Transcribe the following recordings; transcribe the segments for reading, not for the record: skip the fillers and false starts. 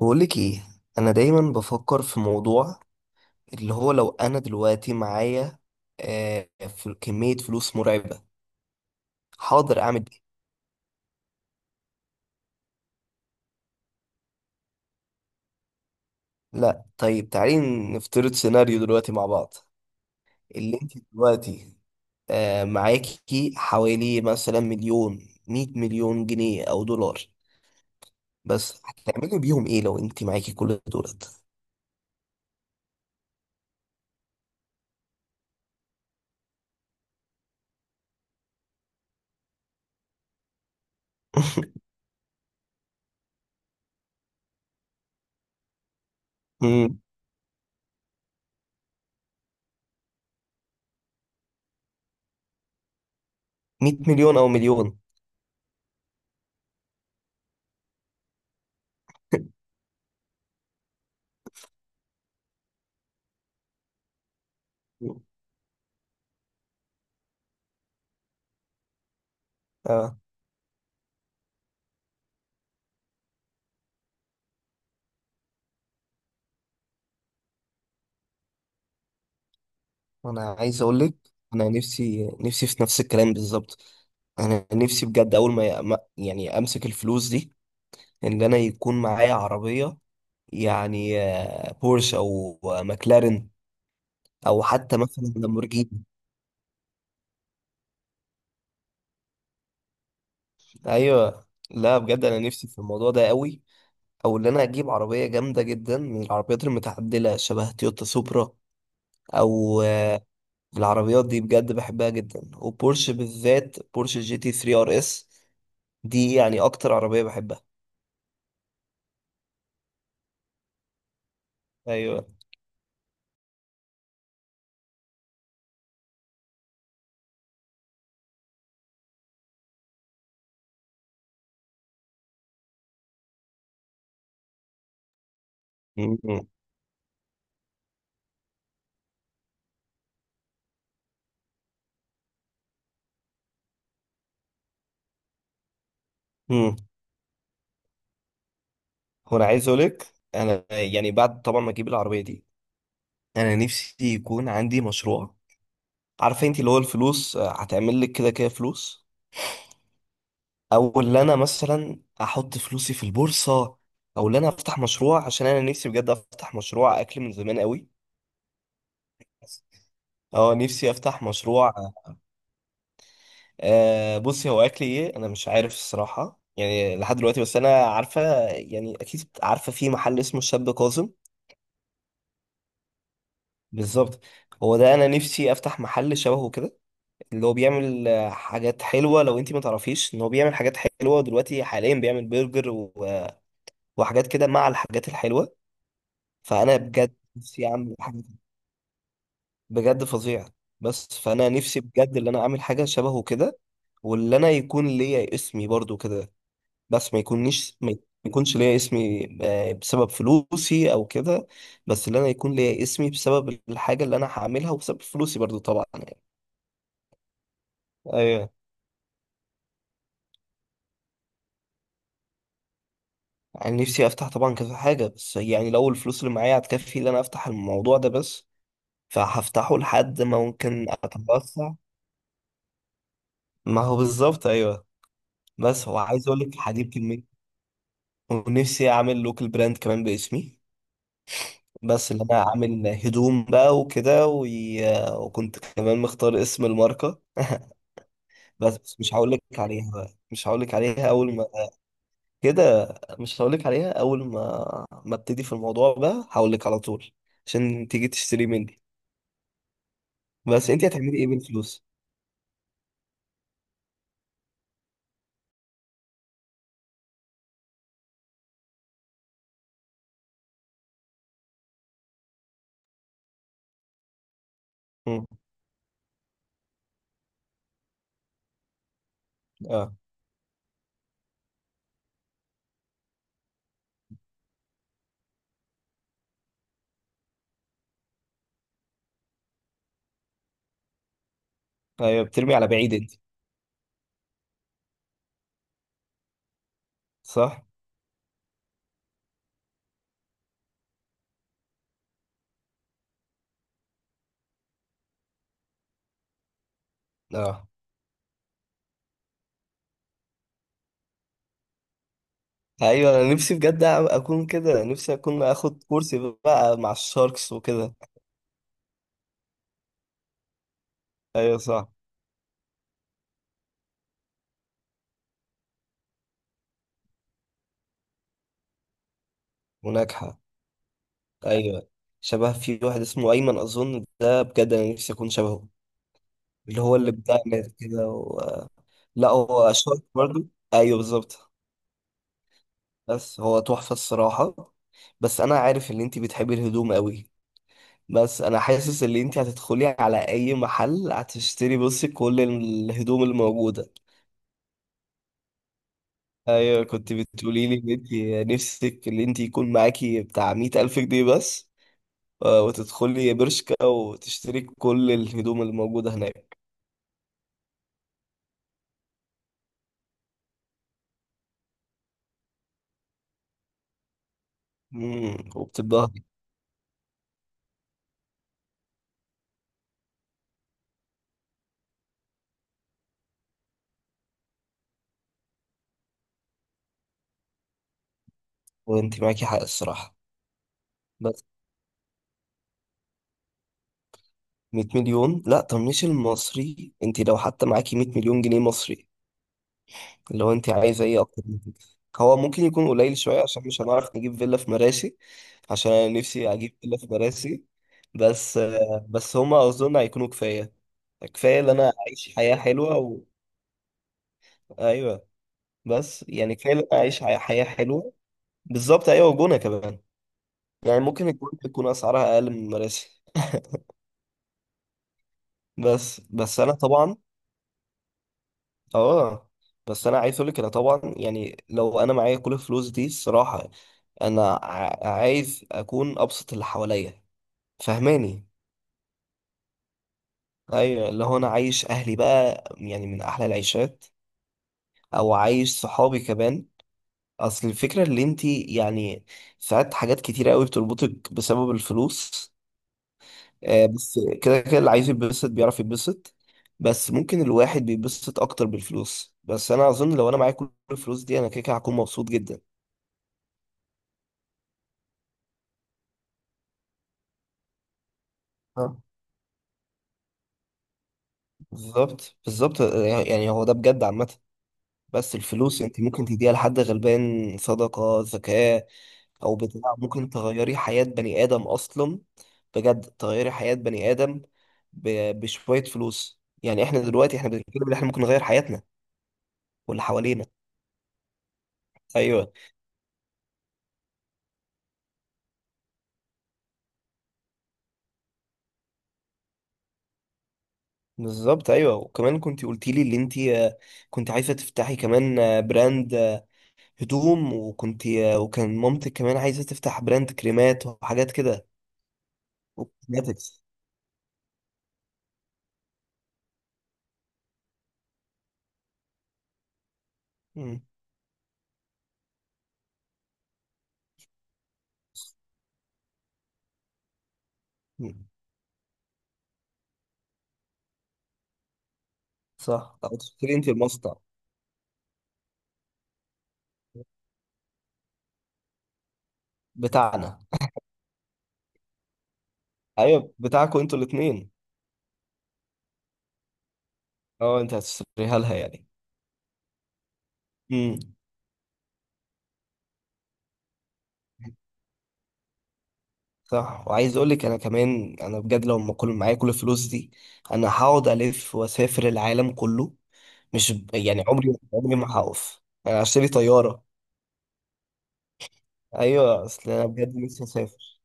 بقولك ايه؟ انا دايما بفكر في موضوع اللي هو لو انا دلوقتي معايا في كمية فلوس مرعبة، حاضر اعمل ايه؟ لا طيب تعالي نفترض سيناريو دلوقتي مع بعض. اللي انت دلوقتي معاكي حوالي مثلا مليون، مية مليون جنيه او دولار، بس هتعملي بيهم ايه لو انت معاكي كل دولت؟ مم، مية مليون او مليون. انا عايز اقول لك، انا نفسي نفسي في نفس الكلام بالظبط. انا نفسي بجد اول يعني امسك الفلوس دي، ان انا يكون معايا عربيه، يعني بورش او ماكلارين، او حتى مثلا لامبورجيني. ايوه لا بجد انا نفسي في الموضوع ده قوي، او ان انا اجيب عربيه جامده جدا من العربيات المتعدله شبه تويوتا سوبرا، او العربيات دي بجد بحبها جدا، وبورش بالذات، بورش جي تي 3 ار اس، دي يعني اكتر عربيه بحبها. ايوه. مم. مم. وانا عايز اقولك انا يعني بعد طبعا ما اجيب العربيه دي، انا نفسي يكون عندي مشروع. عارفه انت اللي هو الفلوس هتعمل لك كده كده فلوس، او اللي انا مثلا احط فلوسي في البورصه، او اللي انا افتح مشروع، عشان انا نفسي بجد افتح مشروع اكل من زمان قوي. اه نفسي افتح مشروع. بصي هو اكل ايه انا مش عارف الصراحه، يعني لحد دلوقتي، بس انا عارفه يعني اكيد عارفه في محل اسمه الشاب كاظم. بالظبط، هو ده انا نفسي افتح محل شبهه كده، اللي هو بيعمل حاجات حلوه. لو انت ما تعرفيش ان هو بيعمل حاجات حلوه، دلوقتي حاليا بيعمل برجر وحاجات كده مع الحاجات الحلوه. فانا بجد نفسي اعمل حاجه بجد فظيعه، بس فانا نفسي بجد ان انا اعمل حاجه شبهه كده، واللي انا يكون ليا اسمي برضو كده، بس ما يكونش ما يكونش ليا اسمي بسبب فلوسي او كده، بس اللي انا يكون ليا اسمي بسبب الحاجه اللي انا هعملها، وبسبب فلوسي برضو طبعا يعني. ايوه، يعني نفسي افتح طبعا كذا حاجه، بس يعني لو الفلوس اللي معايا هتكفي ان انا افتح الموضوع ده بس، فهفتحه لحد ما ممكن اتوسع. ما هو بالظبط ايوه. بس هو عايز اقول لك الحديد كميه، ونفسي اعمل لوكال براند كمان باسمي، بس اللي انا اعمل هدوم بقى وكده وكنت كمان مختار اسم الماركه، بس مش هقول لك عليها بقى. مش هقول لك عليها اول ما كده. مش هقول لك عليها اول ما ابتدي في الموضوع بقى هقول لك على طول، عشان تيجي تشتري مني. بس انت هتعملي ايه بالفلوس؟ مم. اه ايوه، بترمي على بعيد انت. صح. اه ايوه، انا نفسي بجد اكون كده، نفسي اكون اخد كورسي بقى مع الشاركس وكده. ايوه صح، وناجحه. ايوه، شبه في واحد اسمه ايمن اظن، ده بجد انا نفسي اكون شبهه، اللي هو اللي بتاع نت كده لا هو شارك برضه. ايوه بالظبط. بس هو تحفه الصراحه. بس انا عارف ان انت بتحبي الهدوم قوي، بس انا حاسس ان انت هتدخلي على اي محل هتشتري بصي كل الهدوم الموجوده. ايوه كنت بتقولي لي ان انت نفسك ان انت يكون معاكي بتاع مئة الف جنيه بس، وتدخلي برشكا وتشتري كل الهدوم الموجوده هناك. وبتتبهدلي. وانت معاكي حق الصراحه. بس 100 مليون، لا طب مش المصري، انت لو حتى معاكي 100 مليون جنيه مصري، لو انت عايزه ايه اكتر من كده؟ هو ممكن يكون قليل شويه، عشان مش هنعرف نجيب فيلا في مراسي، عشان انا نفسي اجيب فيلا في مراسي. بس هما اظن هيكونوا كفايه. كفايه ان انا اعيش حياه حلوه ايوه، بس يعني كفايه ان انا اعيش حياة حلوه. بالظبط ايوه، وجونه كمان، يعني ممكن الجونه تكون اسعارها اقل من مراسي. بس انا طبعا اه، بس انا عايز اقول لك انا طبعا يعني لو انا معايا كل الفلوس دي الصراحه، انا عايز اكون ابسط اللي حواليا، فهماني؟ ايوه، اللي هو انا عايش اهلي بقى يعني من احلى العيشات، او عايش صحابي كمان. اصل الفكره اللي انت يعني ساعات حاجات كتيره قوي بتربطك بسبب الفلوس. بس كده كده اللي عايز يتبسط بيعرف يتبسط، بس ممكن الواحد بيتبسط اكتر بالفلوس، بس انا اظن لو انا معايا كل الفلوس دي انا كده كده هكون مبسوط جدا. آه. بالظبط بالظبط. يعني هو ده بجد عامه، بس الفلوس انت ممكن تديها لحد غلبان، صدقة، زكاة، او بتاع، ممكن تغيري حياة بني ادم اصلا، بجد تغيري حياة بني ادم بشوية فلوس، يعني احنا دلوقتي احنا بنتكلم ان احنا ممكن نغير حياتنا واللي حوالينا. ايوه بالظبط ايوه. وكمان كنت قلتي لي اللي انت كنت عايزة تفتحي كمان براند هدوم، وكنت وكان مامتك كمان عايزة تفتح براند كريمات وحاجات كده، وكوزماتكس. مم. مم. صح، او تشتري انت المصنع بتاعنا. ايوه بتاعكم انتوا الاثنين. اه انت هتشتريها لها يعني. امم. صح. وعايز اقول لك انا كمان، انا بجد لو ما كل معايا كل الفلوس دي انا هقعد الف واسافر العالم كله، مش يعني عمري ما هقف. انا هشتري طياره. ايوه اصل انا بجد نفسي اسافر.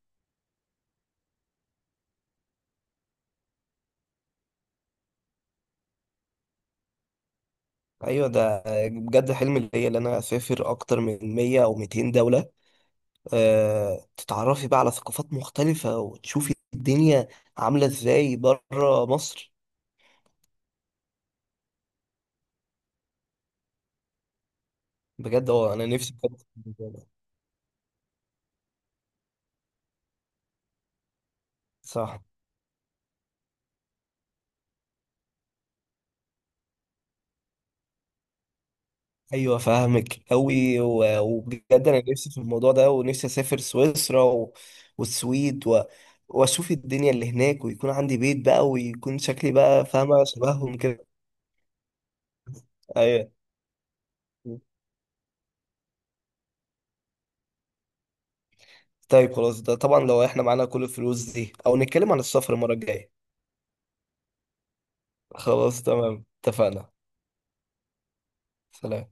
ايوه، ده بجد حلم ليا ان انا اسافر اكتر من 100 او 200 دوله، أه تتعرفي بقى على ثقافات مختلفه وتشوفي الدنيا عامله ازاي بره مصر. بجد اه انا نفسي بجد في الموضوع ده. صح ايوه، فاهمك قوي، وبجد انا نفسي في الموضوع ده، ونفسي اسافر سويسرا والسويد واشوف الدنيا اللي هناك، ويكون عندي بيت بقى، ويكون شكلي بقى فاهمه شبههم كده. ايوه طيب خلاص، ده طبعا لو احنا معانا كل الفلوس دي، او نتكلم عن السفر المره الجايه. خلاص تمام اتفقنا. سلام.